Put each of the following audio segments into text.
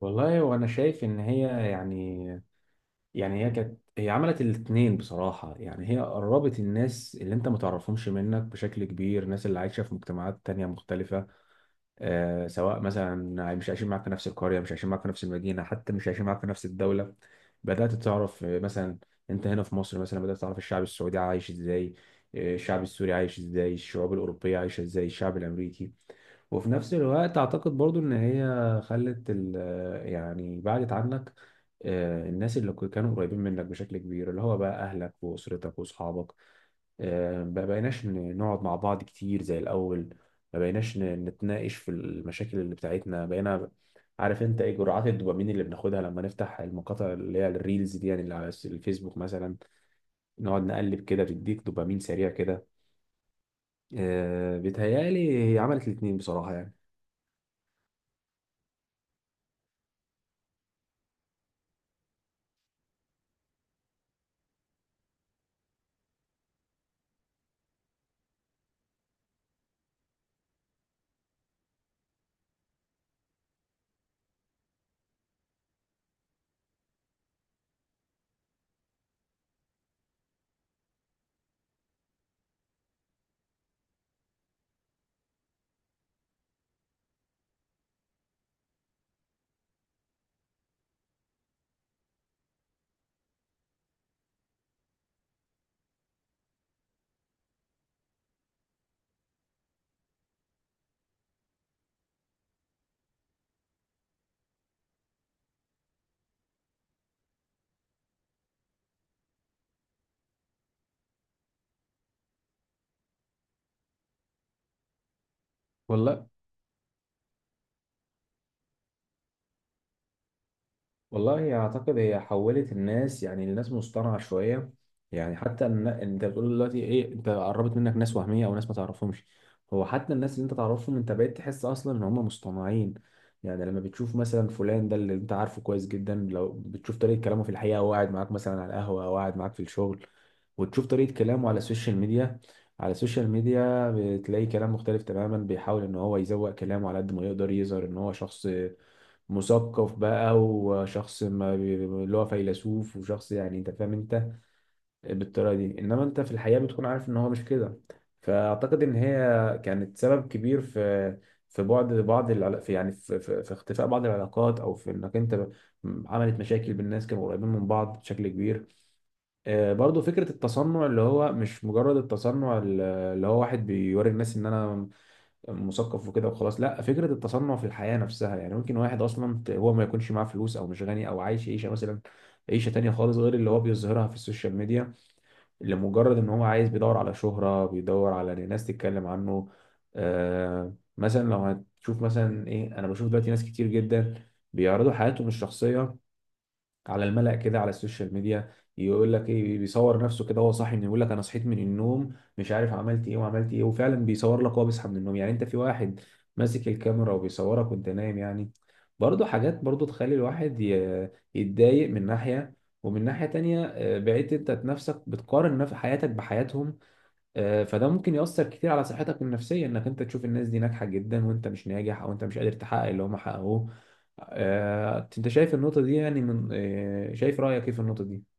والله وانا شايف ان هي يعني يعني هي كانت هي عملت الاتنين بصراحة، يعني هي قربت الناس اللي انت ما تعرفهمش منك بشكل كبير، الناس اللي عايشة في مجتمعات تانية مختلفة. سواء مثلا مش عايشين معاك في نفس القرية، مش عايشين معاك في نفس المدينة، حتى مش عايشين معاك في نفس الدولة. بدأت تعرف، مثلا انت هنا في مصر مثلا بدأت تعرف الشعب السعودي عايش ازاي، الشعب السوري عايش ازاي، الشعوب الأوروبية عايشة ازاي، الشعب الأمريكي. وفي نفس الوقت اعتقد برضو ان هي خلت ال يعني بعدت عنك. الناس اللي كانوا قريبين منك بشكل كبير، اللي هو بقى اهلك واسرتك واصحابك. ما بقيناش نقعد مع بعض كتير زي الاول، ما بقيناش نتناقش في المشاكل اللي بتاعتنا. بقينا عارف انت ايه جرعات الدوبامين اللي بناخدها لما نفتح المقاطع اللي هي الريلز دي، يعني اللي على الفيسبوك مثلا، نقعد نقلب كده بتديك دوبامين سريع كده. بيتهيألي هي عملت الاتنين بصراحة يعني. والله والله اعتقد هي حولت الناس، يعني الناس مصطنعه شويه. يعني حتى إن انت بتقول دلوقتي ايه، انت قربت منك ناس وهميه او ناس ما تعرفهمش، هو حتى الناس اللي انت تعرفهم انت بقيت تحس اصلا ان هم مصطنعين. يعني لما بتشوف مثلا فلان ده اللي انت عارفه كويس جدا، لو بتشوف طريقه كلامه في الحقيقه وهو قاعد معاك مثلا على القهوه او قاعد معاك في الشغل، وتشوف طريقه كلامه على السوشيال ميديا، على السوشيال ميديا بتلاقي كلام مختلف تماما. بيحاول ان هو يزوق كلامه على قد ما يقدر، يظهر ان هو شخص مثقف بقى، وشخص ما بي- اللي هو فيلسوف، وشخص يعني انت فاهم انت بالطريقه دي، انما انت في الحقيقه بتكون عارف ان هو مش كده. فاعتقد ان هي كانت سبب كبير في في بعد بعض العلا- في يعني في, في, في اختفاء بعض العلاقات، او في انك انت عملت مشاكل بالناس كانوا قريبين من بعض بشكل كبير. برضو فكره التصنع، اللي هو مش مجرد التصنع اللي هو واحد بيوري الناس ان انا مثقف وكده وخلاص، لا فكره التصنع في الحياه نفسها. يعني ممكن واحد اصلا هو ما يكونش معاه فلوس او مش غني او عايش عيشه مثلا عيشه تانية خالص غير اللي هو بيظهرها في السوشيال ميديا، اللي مجرد ان هو عايز، بيدور على شهره، بيدور على إن ناس تتكلم عنه. مثلا لو هتشوف مثلا ايه، انا بشوف دلوقتي ناس كتير جدا بيعرضوا حياتهم الشخصيه على الملأ كده على السوشيال ميديا. يقول لك ايه، بيصور نفسه كده وهو صاحي، من يقول لك انا صحيت من النوم مش عارف عملت ايه وعملت ايه، وفعلا بيصور لك وهو بيصحى من النوم. يعني انت في واحد ماسك الكاميرا وبيصورك وانت نايم يعني. برضه حاجات برضه تخلي الواحد يتضايق من ناحية، ومن ناحية تانية، بقيت انت نفسك بتقارن حياتك بحياتهم. فده ممكن يأثر كتير على صحتك النفسية، انك انت تشوف الناس دي ناجحة جدا وانت مش ناجح، او انت مش قادر تحقق اللي هم حققوه. انت شايف النقطة دي يعني من، شايف رأيك ايه في النقطة دي؟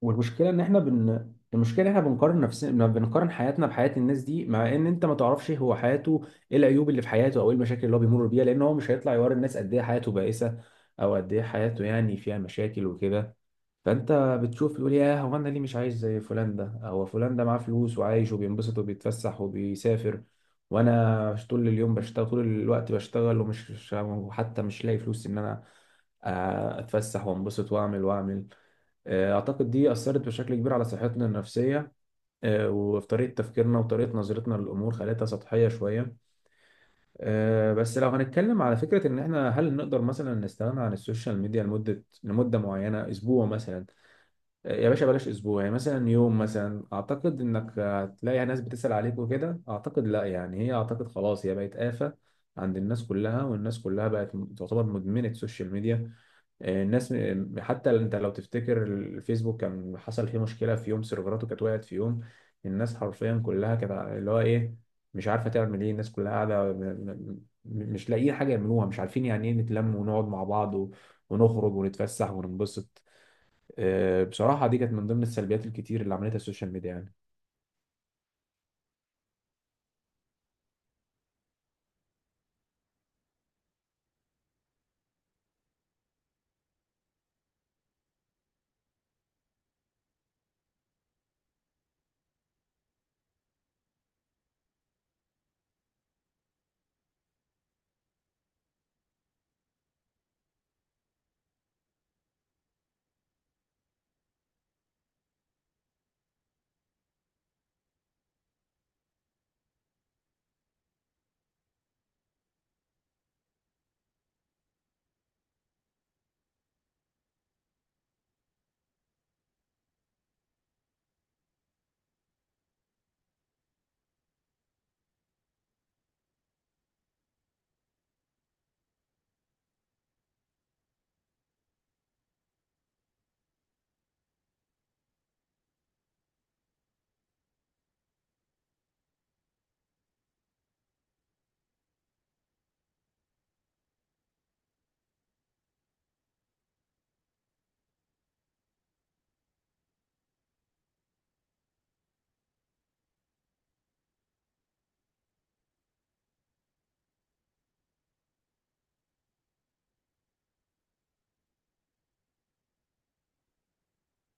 والمشكله ان احنا المشكله احنا بنقارن نفسنا، بنقارن حياتنا بحياه الناس دي، مع ان انت ما تعرفش هو حياته ايه، العيوب اللي في حياته او ايه المشاكل اللي هو بيمر بيها، لان هو مش هيطلع يوري الناس قد ايه حياته بائسه او قد ايه حياته يعني فيها مشاكل وكده. فانت بتشوف تقول ياه، هو انا ليه مش عايش زي فلان ده؟ هو فلان ده معاه فلوس وعايش وبينبسط وبيتفسح وبيسافر، وانا مش طول اليوم بشتغل، طول الوقت بشتغل، ومش مش- وحتى مش لاقي فلوس ان انا اتفسح وانبسط واعمل واعمل. اعتقد دي اثرت بشكل كبير على صحتنا النفسيه، وفي طريقه تفكيرنا وطريقه نظرتنا للامور، خلتها سطحيه شويه. بس لو هنتكلم على فكره ان احنا هل نقدر مثلا نستغنى عن السوشيال ميديا لمده، لمده معينه، اسبوع مثلا؟ يا باشا بلاش اسبوع، يعني مثلا يوم مثلا، اعتقد انك هتلاقي ناس بتسأل عليك وكده. اعتقد لا، يعني هي اعتقد خلاص هي بقت آفة عند الناس كلها، والناس كلها بقت تعتبر مدمنة سوشيال ميديا. الناس حتى انت لو تفتكر الفيسبوك كان حصل فيه مشكلة في يوم، سيرفراته كانت وقعت في يوم، الناس حرفيا كلها كانت اللي هو ايه، مش عارفة تعمل ايه. الناس كلها قاعدة مش لاقيين حاجة يعملوها، مش عارفين يعني ايه نتلم ونقعد مع بعض ونخرج ونتفسح وننبسط. بصراحة دي كانت من ضمن السلبيات الكتير اللي عملتها السوشيال ميديا يعني.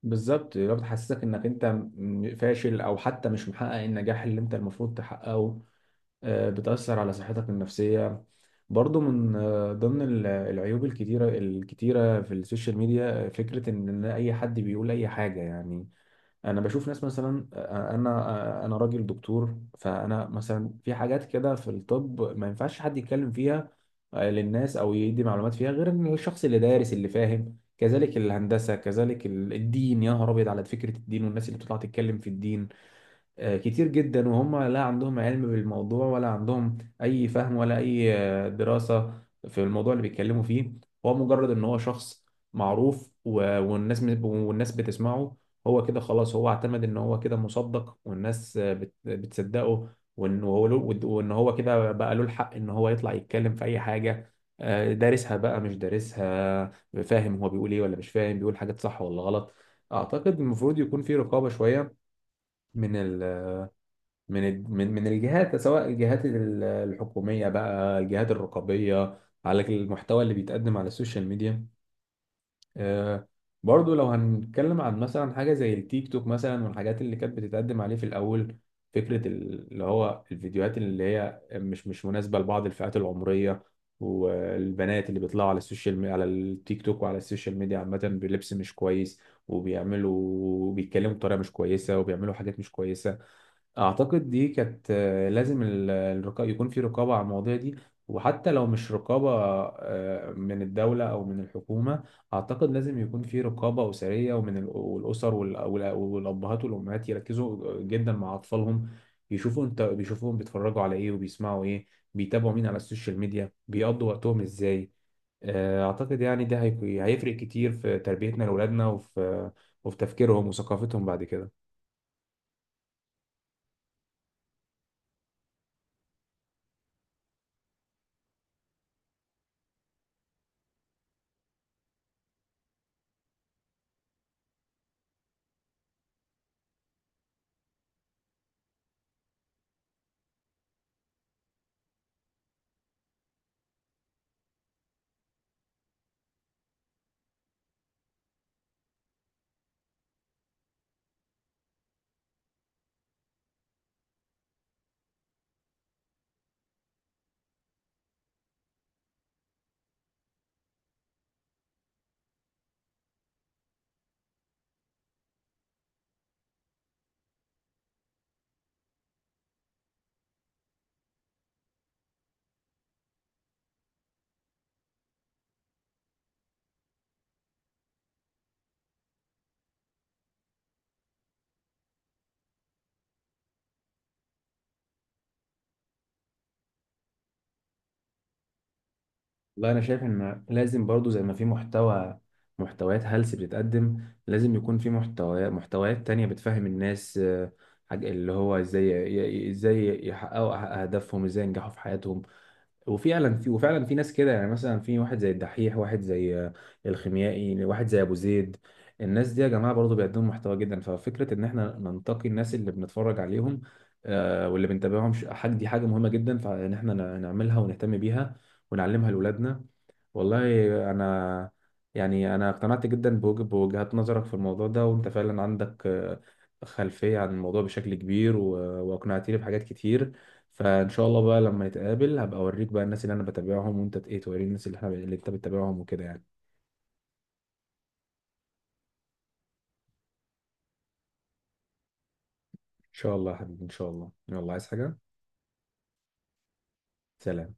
بالظبط. لو بتحسسك انك انت فاشل او حتى مش محقق النجاح اللي انت المفروض تحققه، بتأثر على صحتك النفسية. برضو من، ضمن العيوب الكتيرة الكتيرة في السوشيال ميديا، فكرة ان إن اي حد بيقول اي حاجة يعني. انا بشوف ناس مثلا، انا راجل دكتور، فانا مثلا في حاجات كده في الطب ما ينفعش حد يتكلم فيها للناس او يدي معلومات فيها، غير إن الشخص اللي دارس اللي فاهم. كذلك الهندسه، كذلك الدين، يا نهار ابيض على فكره الدين. والناس اللي بتطلع تتكلم في الدين كتير جدا، وهم لا عندهم علم بالموضوع ولا عندهم اي فهم ولا اي دراسة في الموضوع اللي بيتكلموا فيه. هو مجرد ان هو شخص معروف والناس بتسمعه، هو كده خلاص هو اعتمد ان هو كده مصدق والناس بتصدقه، وان هو له، وان هو كده بقى له الحق ان هو يطلع يتكلم في اي حاجة، دارسها بقى مش دارسها، فاهم هو بيقول ايه ولا مش فاهم، بيقول حاجات صح ولا غلط. اعتقد المفروض يكون في رقابة شوية من ال من الج- من من الجهات، سواء الجهات الحكومية بقى، الجهات الرقابية على المحتوى اللي بيتقدم على السوشيال ميديا. آه، برضو لو هنتكلم عن مثلا حاجة زي التيك توك مثلا والحاجات اللي كانت بتتقدم عليه في الأول، فكرة اللي هو الفيديوهات اللي هي مش مناسبة لبعض الفئات العمرية، والبنات اللي بيطلعوا على السوشيال ميديا، على التيك توك وعلى السوشيال ميديا عامة، بلبس مش كويس، بيتكلموا بطريقة مش كويسة، وبيعملوا حاجات مش كويسة. اعتقد دي كانت، لازم يكون في رقابة على المواضيع دي. وحتى لو مش رقابة من الدولة او من الحكومة، اعتقد لازم يكون في رقابة اسرية، ومن والابهات والامهات يركزوا جدا مع اطفالهم، يشوفوا انت بيتفرجوا على ايه وبيسمعوا ايه، بيتابعوا مين على السوشيال ميديا، بيقضوا وقتهم ازاي. اعتقد يعني ده هيفرق كتير في تربيتنا لاولادنا، وفي وفي تفكيرهم وثقافتهم بعد كده. والله انا شايف ان لازم برضو، زي ما في محتويات هلس بتتقدم، لازم يكون في محتويات تانية بتفهم الناس، حاجة اللي هو ازاي ازاي يحققوا اهدافهم، ازاي ينجحوا في حياتهم. وفعلا في ناس كده يعني، مثلا في واحد زي الدحيح، واحد زي الخيميائي، واحد زي ابو زيد. الناس دي يا جماعة برضو بيقدموا محتوى جدا. ففكرة ان احنا ننتقي الناس اللي بنتفرج عليهم واللي بنتابعهم حاجة دي حاجة مهمة جدا، فان احنا نعملها ونهتم بيها ونعلمها لأولادنا. والله انا يعني انا اقتنعت جدا بوجهات نظرك في الموضوع ده، وانت فعلا عندك خلفية عن الموضوع بشكل كبير واقنعتني بحاجات كتير. فان شاء الله بقى لما نتقابل هبقى اوريك بقى الناس اللي انا بتابعهم، وانت ت- ايه توريني الناس اللي احنا اللي انت بتتابعهم وكده يعني. ان شاء الله يا حبيبي، ان شاء الله. يلا، عايز حاجة؟ سلام.